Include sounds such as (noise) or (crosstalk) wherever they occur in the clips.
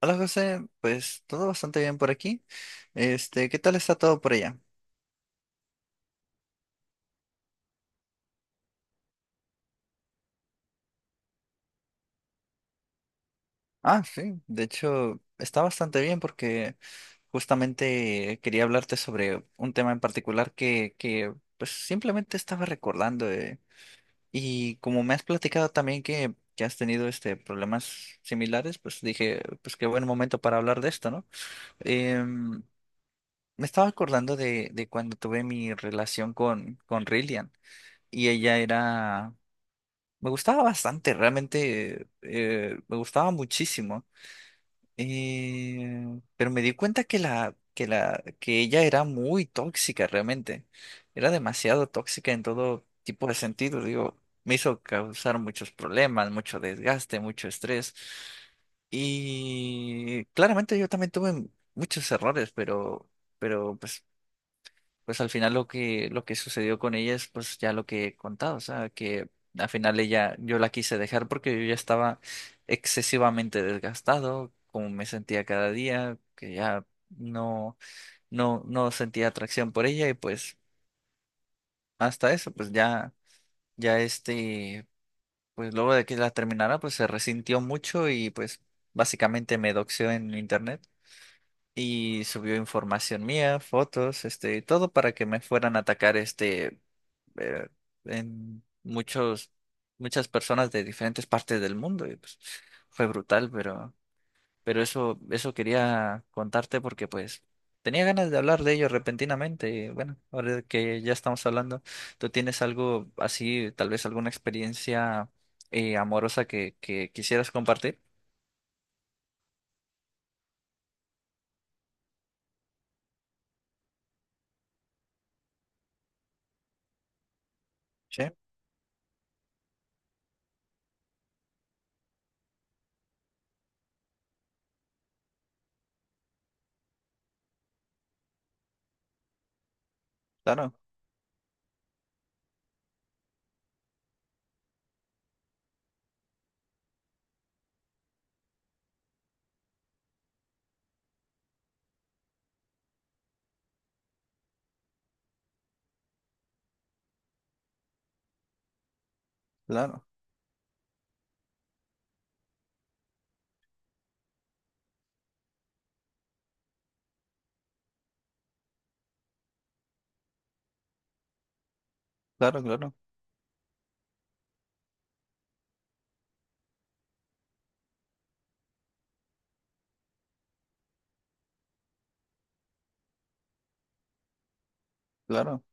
Hola José, pues todo bastante bien por aquí. Este, ¿qué tal está todo por allá? Ah, sí, de hecho está bastante bien porque justamente quería hablarte sobre un tema en particular que pues simplemente estaba recordando. Y como me has platicado también que has tenido este problemas similares, pues dije, pues qué buen momento para hablar de esto, ¿no? Em, Me estaba acordando de cuando tuve mi relación con Rillian y ella era. Me gustaba bastante, realmente me gustaba muchísimo. Pero me di cuenta que ella era muy tóxica realmente. Era demasiado tóxica en todo tipo de sentido. Digo, me hizo causar muchos problemas, mucho desgaste, mucho estrés. Y claramente yo también tuve muchos errores, pero pues al final lo que sucedió con ella es pues ya lo que he contado, o sea, que al final ella, yo la quise dejar porque yo ya estaba excesivamente desgastado, como me sentía cada día, que ya no, no, no sentía atracción por ella y pues hasta eso, pues ya, ya este, pues luego de que la terminara, pues se resintió mucho y pues básicamente me doxió en internet. Y subió información mía, fotos, este, todo para que me fueran a atacar, este, eh, en muchas personas de diferentes partes del mundo y pues fue brutal, pero eso, eso quería contarte porque pues tenía ganas de hablar de ello repentinamente y bueno, ahora que ya estamos hablando, ¿tú tienes algo así, tal vez alguna experiencia amorosa que quisieras compartir? Sí, claro, claro, claro, claro, claro,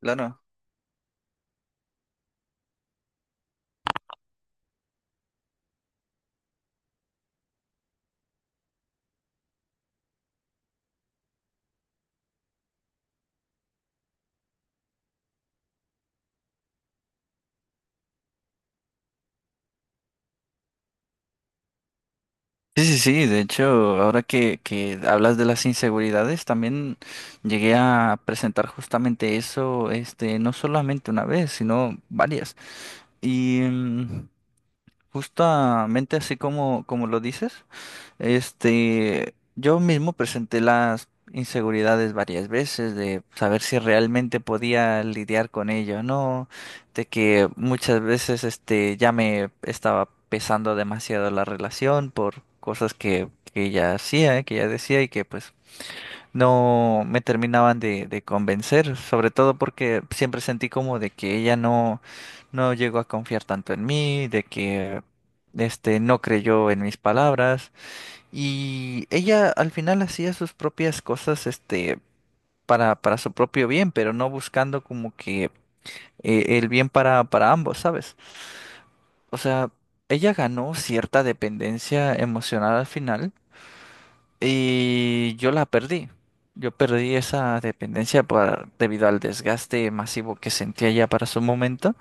claro. Sí, sí, sí, de hecho, ahora que hablas de las inseguridades, también llegué a presentar justamente eso, este, no solamente una vez, sino varias. Y justamente así como, como lo dices. Este, yo mismo presenté las inseguridades varias veces de saber si realmente podía lidiar con ello, ¿no? De que muchas veces este ya me estaba pesando demasiado la relación por cosas que ella hacía, que ella decía y que pues no me terminaban de convencer, sobre todo porque siempre sentí como de que ella no, no llegó a confiar tanto en mí, de que este no creyó en mis palabras. Y ella al final hacía sus propias cosas, este, para su propio bien, pero no buscando como que el bien para ambos, ¿sabes? O sea, ella ganó cierta dependencia emocional al final y yo la perdí. Yo perdí esa dependencia por- debido al desgaste masivo que sentía ya para su momento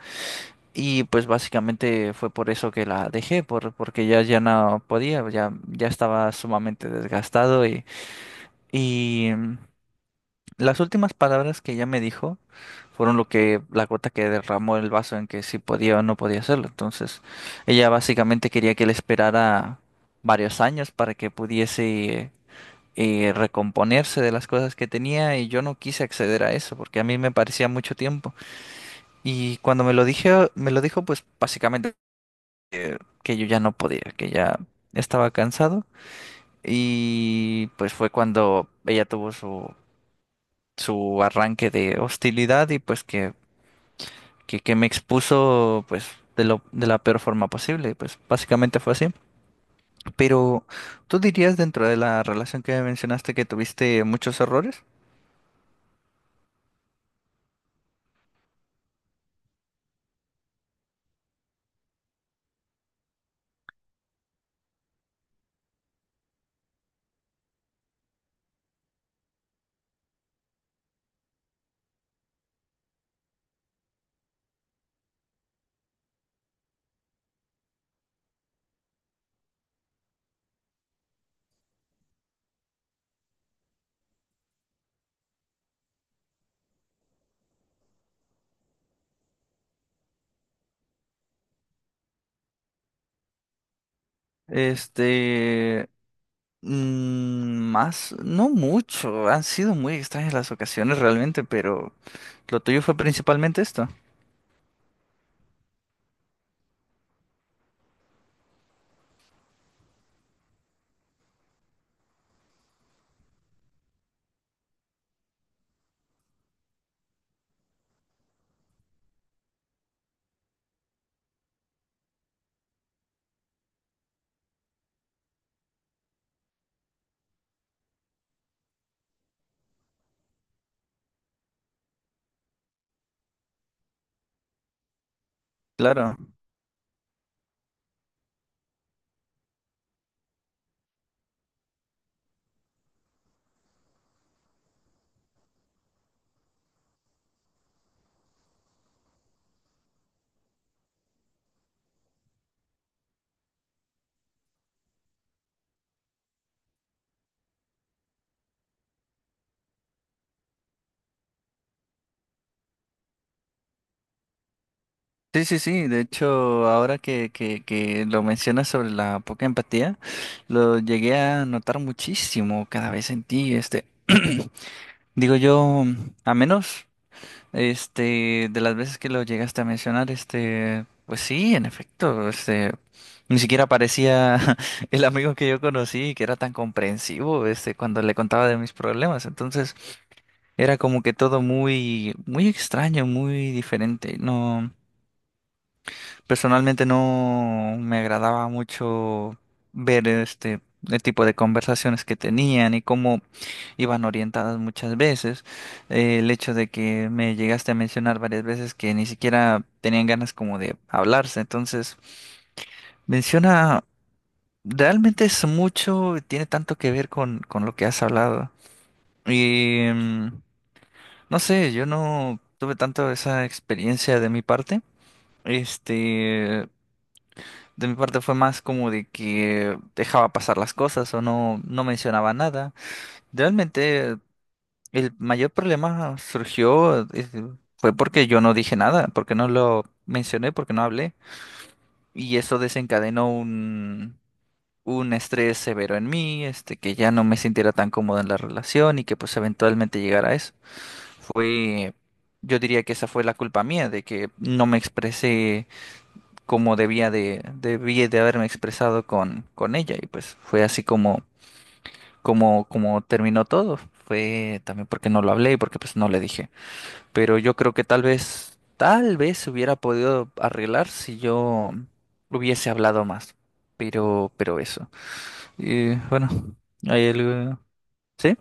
y pues básicamente fue por eso que la dejé, por, porque ya, ya no podía, ya, ya estaba sumamente desgastado y... Y las últimas palabras que ella me dijo fueron lo que la gota que derramó el vaso en que si podía o no podía hacerlo. Entonces, ella básicamente quería que él esperara varios años para que pudiese recomponerse de las cosas que tenía y yo no quise acceder a eso porque a mí me parecía mucho tiempo. Y cuando me lo dije, me lo dijo pues básicamente que yo ya no podía, que ya estaba cansado y pues fue cuando ella tuvo su arranque de hostilidad y pues que que me expuso pues de la peor forma posible, pues básicamente fue así. Pero ¿tú dirías dentro de la relación que mencionaste que tuviste muchos errores? Este, más, no mucho, han sido muy extrañas las ocasiones realmente, pero lo tuyo fue principalmente esto, claro. Sí, sí, sí, de hecho, ahora que lo mencionas sobre la poca empatía, lo llegué a notar muchísimo cada vez en ti, este. (clears throat) Digo yo, a menos, este, de las veces que lo llegaste a mencionar, este, pues sí, en efecto, este, ni siquiera parecía (laughs) el amigo que yo conocí, que era tan comprensivo, este, cuando le contaba de mis problemas. Entonces, era como que todo muy, muy extraño, muy diferente. No. Personalmente no me agradaba mucho ver este el tipo de conversaciones que tenían y cómo iban orientadas muchas veces. El hecho de que me llegaste a mencionar varias veces que ni siquiera tenían ganas como de hablarse. Entonces, menciona, realmente es mucho, tiene tanto que ver con lo que has hablado. Y no sé, yo no tuve tanto esa experiencia de mi parte. Este, de mi parte fue más como de que dejaba pasar las cosas o no, no mencionaba nada. Realmente el mayor problema surgió, fue porque yo no dije nada, porque no lo mencioné, porque no hablé. Y eso desencadenó un estrés severo en mí, este, que ya no me sintiera tan cómodo en la relación y que pues eventualmente llegara a eso. Fue, yo diría que esa fue la culpa mía, de que no me expresé como debí de haberme expresado con ella. Y pues fue así como terminó todo. Fue también porque no lo hablé y porque pues no le dije. Pero yo creo que tal vez se hubiera podido arreglar si yo hubiese hablado más. Pero eso. Y bueno, hay algo. ¿Sí?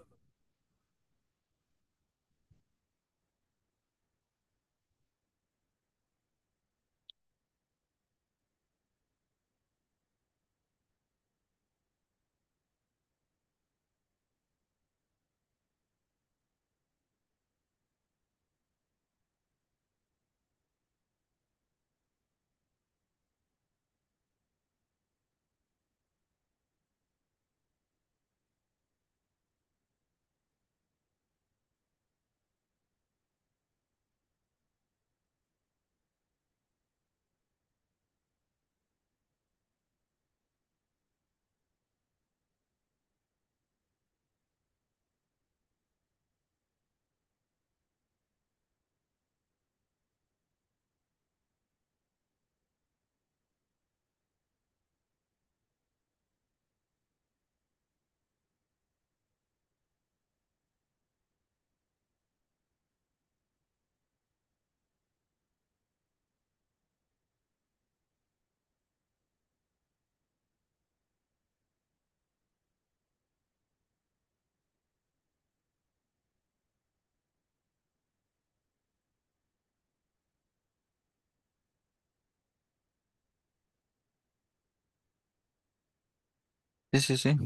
Sí, sí, sí.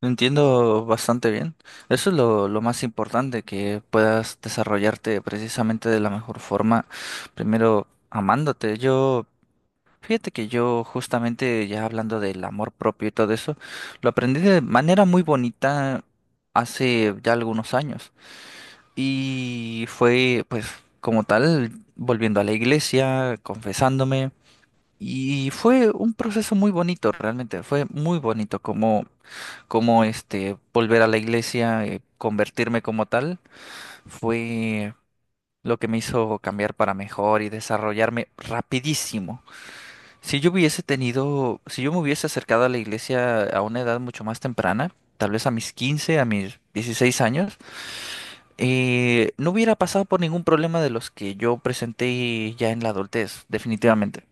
Lo entiendo bastante bien. Eso es lo más importante, que puedas desarrollarte precisamente de la mejor forma. Primero, amándote. Yo, fíjate que yo justamente ya hablando del amor propio y todo eso, lo aprendí de manera muy bonita hace ya algunos años. Y fue, pues, como tal, volviendo a la iglesia, confesándome. Y fue un proceso muy bonito, realmente. Fue muy bonito como cómo este volver a la iglesia, convertirme como tal, fue lo que me hizo cambiar para mejor y desarrollarme rapidísimo. Si yo hubiese tenido, si yo me hubiese acercado a la iglesia a una edad mucho más temprana, tal vez a mis 15, a mis 16 años, no hubiera pasado por ningún problema de los que yo presenté ya en la adultez, definitivamente.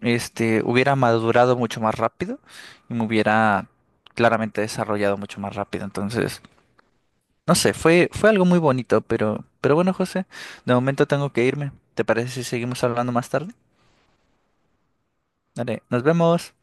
Este, hubiera madurado mucho más rápido y me hubiera claramente desarrollado mucho más rápido. Entonces, no sé, fue, fue algo muy bonito, pero bueno, José, de momento tengo que irme. ¿Te parece si seguimos hablando más tarde? Dale, nos vemos.